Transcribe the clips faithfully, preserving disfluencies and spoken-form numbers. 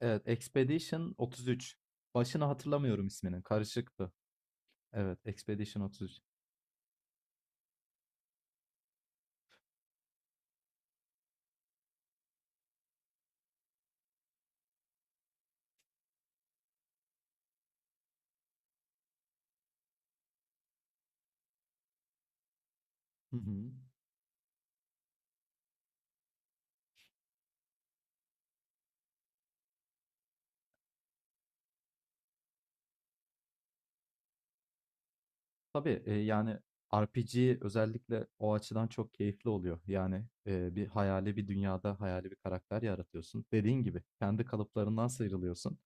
Evet, Expedition otuz üç. Başını hatırlamıyorum isminin. Karışıktı. Evet, Expedition otuz üç. Hı hı. Tabii, e, yani R P G özellikle o açıdan çok keyifli oluyor. Yani, e, bir hayali bir dünyada hayali bir karakter yaratıyorsun. Dediğin gibi kendi kalıplarından sıyrılıyorsun.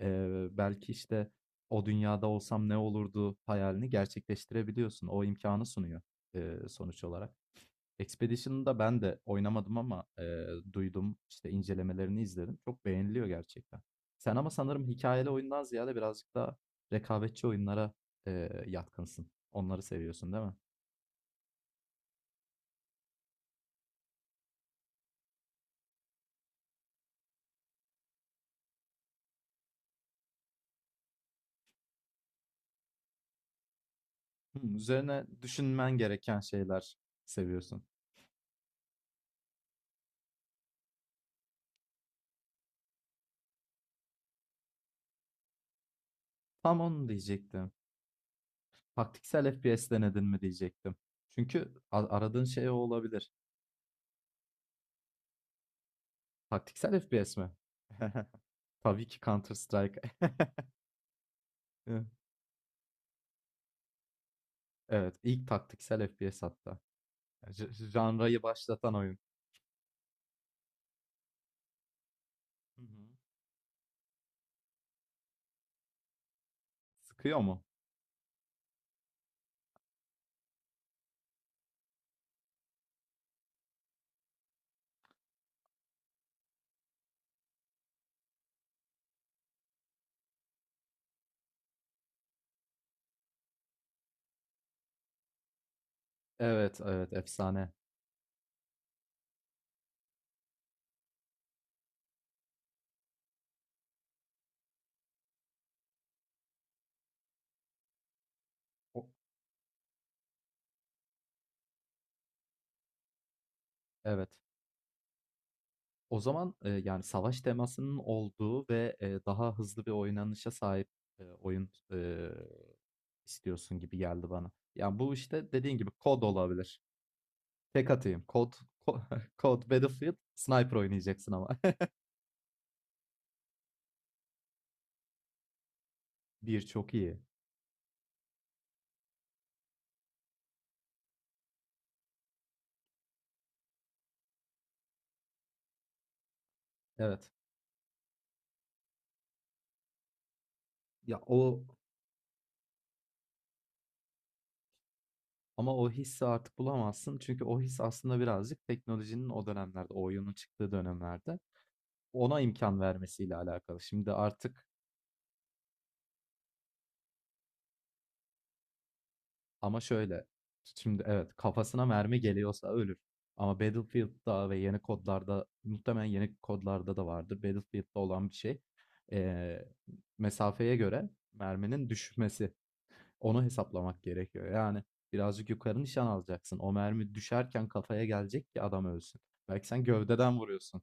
E, belki işte o dünyada olsam ne olurdu hayalini gerçekleştirebiliyorsun. O imkanı sunuyor, e, sonuç olarak. Expedition'ı da ben de oynamadım ama eee, duydum, işte, incelemelerini izledim. Çok beğeniliyor gerçekten. Sen ama sanırım hikayeli oyundan ziyade birazcık daha rekabetçi oyunlara eee, yatkınsın. Onları seviyorsun, değil mi? Hımm, üzerine düşünmen gereken şeyler seviyorsun. Tam onu diyecektim. Taktiksel F P S denedin mi diyecektim. Çünkü a aradığın şey o olabilir. Taktiksel F P S mi? Tabii ki Counter Strike. Evet, ilk taktiksel F P S hatta. J- janrayı başlatan oyun. Hı hı. Sıkıyor mu? Evet, evet, efsane. O- Evet. O zaman, e, yani savaş temasının olduğu ve e, daha hızlı bir oynanışa sahip e, oyun e, istiyorsun gibi geldi bana. Yani bu işte dediğin gibi kod olabilir. Tek atayım. Kod, ko- kod, Battlefield, Sniper oynayacaksın ama. Bir çok iyi. Evet. Ya, o ama o hissi artık bulamazsın. Çünkü o his aslında birazcık teknolojinin o dönemlerde, o oyunun çıktığı dönemlerde ona imkan vermesiyle alakalı. Şimdi artık ama şöyle. Şimdi evet, kafasına mermi geliyorsa ölür. Ama Battlefield'da ve yeni kodlarda, muhtemelen yeni kodlarda da vardır, Battlefield'da olan bir şey: ee, mesafeye göre merminin düşmesi. Onu hesaplamak gerekiyor. Yani birazcık yukarı nişan alacaksın. O mermi düşerken kafaya gelecek ki adam ölsün. Belki sen gövdeden vuruyorsun.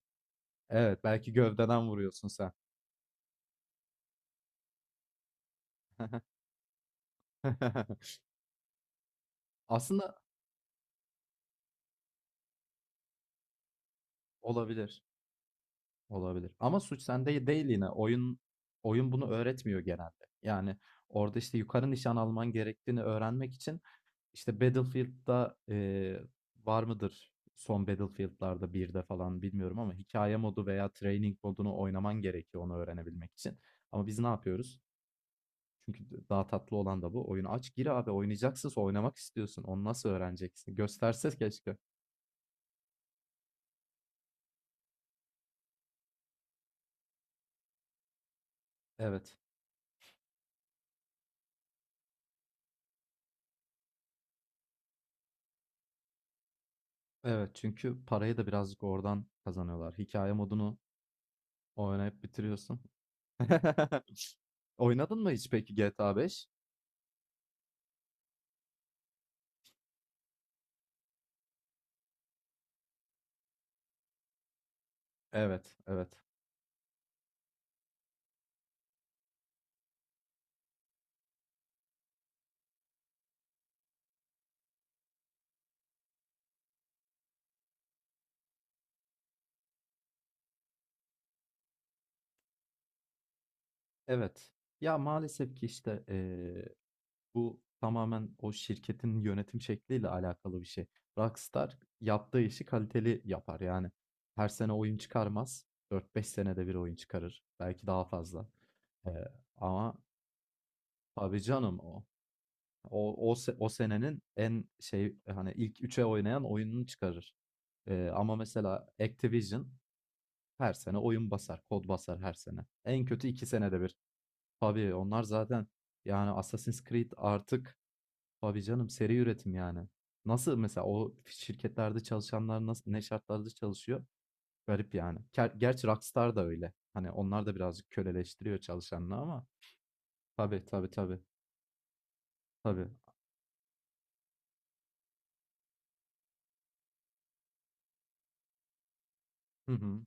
Evet, belki gövdeden vuruyorsun sen. Aslında olabilir. Olabilir. Ama suç sende değil yine. Oyun oyun bunu öğretmiyor genelde. Yani orada işte yukarı nişan alman gerektiğini öğrenmek için işte Battlefield'da, e, var mıdır son Battlefield'larda bir de falan bilmiyorum, ama hikaye modu veya training modunu oynaman gerekiyor onu öğrenebilmek için. Ama biz ne yapıyoruz? Çünkü daha tatlı olan da bu. Oyunu aç gir abi, oynayacaksın, oynamak istiyorsun. Onu nasıl öğreneceksin? Gösterse keşke. Evet. Evet, çünkü parayı da birazcık oradan kazanıyorlar. Hikaye modunu oynayıp bitiriyorsun. Oynadın mı hiç peki G T A beş? Evet, evet, evet. Ya maalesef ki işte eee, bu tamamen o şirketin yönetim şekliyle alakalı bir şey. Rockstar yaptığı işi kaliteli yapar yani. Her sene oyun çıkarmaz. dört beş senede bir oyun çıkarır. Belki daha fazla. Eee, ama tabii canım o. O, o, se- o senenin en şey, hani ilk üçe oynayan oyununu çıkarır. Eee, ama mesela Activision Her sene oyun basar, kod basar her sene. En kötü iki senede bir. Tabii onlar zaten, yani Assassin's Creed artık tabii canım, seri üretim yani. Nasıl mesela o şirketlerde çalışanlar nasıl ne şartlarda çalışıyor? Garip yani. Ger- Gerçi Rockstar da öyle. Hani onlar da birazcık köleleştiriyor çalışanını ama tabii, tabii, tabii, tabii. Hı hı.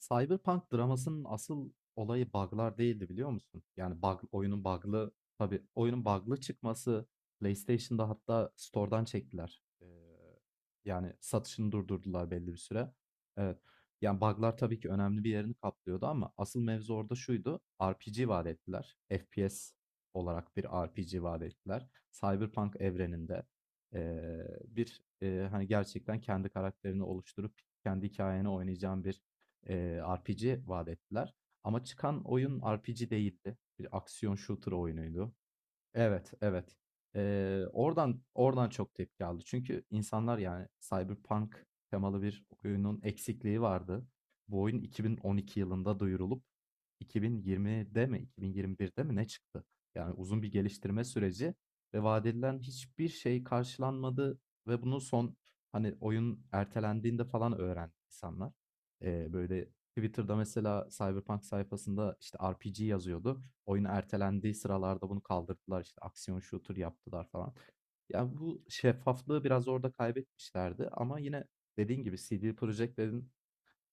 Cyberpunk dramasının asıl olayı bug'lar değildi, biliyor musun? Yani bug, oyunun bug'lı, tabii oyunun bug'lı çıkması, PlayStation'da hatta store'dan çektiler. Ee, yani satışını durdurdular belli bir süre. Evet. Yani bug'lar tabii ki önemli bir yerini kaplıyordu ama asıl mevzu orada şuydu: R P G vaat ettiler. F P S olarak bir R P G vaat ettiler. Cyberpunk evreninde, ee, bir, e, hani gerçekten kendi karakterini oluşturup kendi hikayeni oynayacağın bir, eee, R P G vaat ettiler. Ama çıkan oyun R P G değildi. Bir aksiyon shooter oyunuydu. Evet, evet. Eee, oradan oradan çok tepki aldı. Çünkü insanlar, yani Cyberpunk temalı bir oyunun eksikliği vardı. Bu oyun iki bin on iki yılında duyurulup iki bin yirmide mi iki bin yirmi birde mi ne çıktı? Yani uzun bir geliştirme süreci ve vaat edilen hiçbir şey karşılanmadı, ve bunu son, hani oyun ertelendiğinde falan öğrendi insanlar. Eee, böyle Twitter'da mesela Cyberpunk sayfasında işte R P G yazıyordu. Oyun ertelendiği sıralarda bunu kaldırdılar, işte, aksiyon shooter yaptılar falan. Ya, bu şeffaflığı biraz orada kaybetmişlerdi, ama yine dediğin gibi C D Projekt Red'in,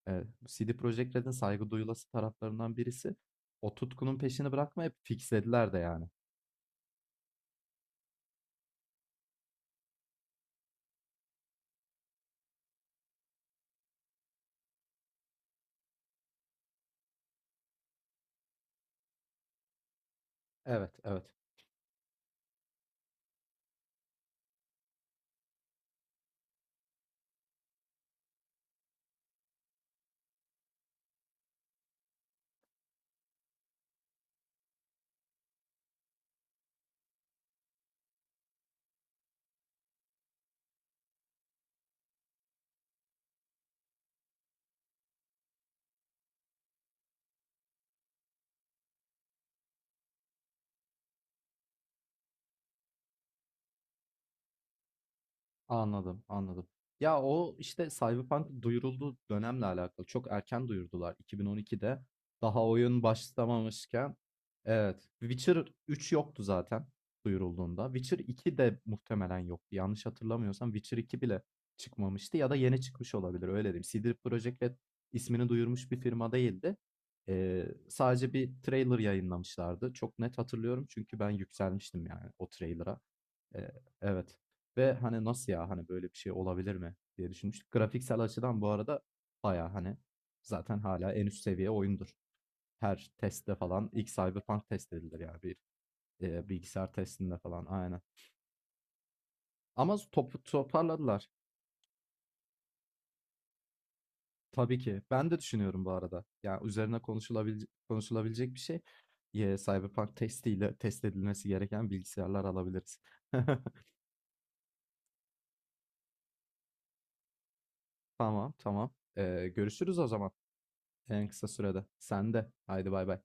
eee, C D Projekt Red'in saygı duyulası taraflarından birisi, o tutkunun peşini bırakmayıp fixlediler de yani. Evet, evet. Anladım, anladım. Ya, o, işte, Cyberpunk'ın duyurulduğu dönemle alakalı. Çok erken duyurdular iki bin on ikide. Daha oyun başlamamışken. Evet. Witcher üç yoktu zaten duyurulduğunda. Witcher iki de muhtemelen yoktu. Yanlış hatırlamıyorsam Witcher iki bile çıkmamıştı, ya da yeni çıkmış olabilir, öyle diyeyim. C D Projekt Red ismini duyurmuş bir firma değildi. Eee, sadece bir trailer yayınlamışlardı. Çok net hatırlıyorum çünkü ben yükselmiştim yani o trailer'a. Eee, evet, ve hani nasıl ya, hani böyle bir şey olabilir mi diye düşünmüştük. Grafiksel açıdan bu arada bayağı hani zaten hala en üst seviye oyundur. Her testte falan ilk Cyberpunk test edilir yani, bir eee, bilgisayar testinde falan, aynen. Ama topu toparladılar tabii ki. Ben de düşünüyorum bu arada. Yani üzerine konuşulabilecek konuşulabilecek bir şey. Eee, Cyberpunk testiyle test edilmesi gereken bilgisayarlar alabiliriz. Tamam, tamam. Eee, görüşürüz o zaman en kısa sürede. Sen de. Haydi bay bay.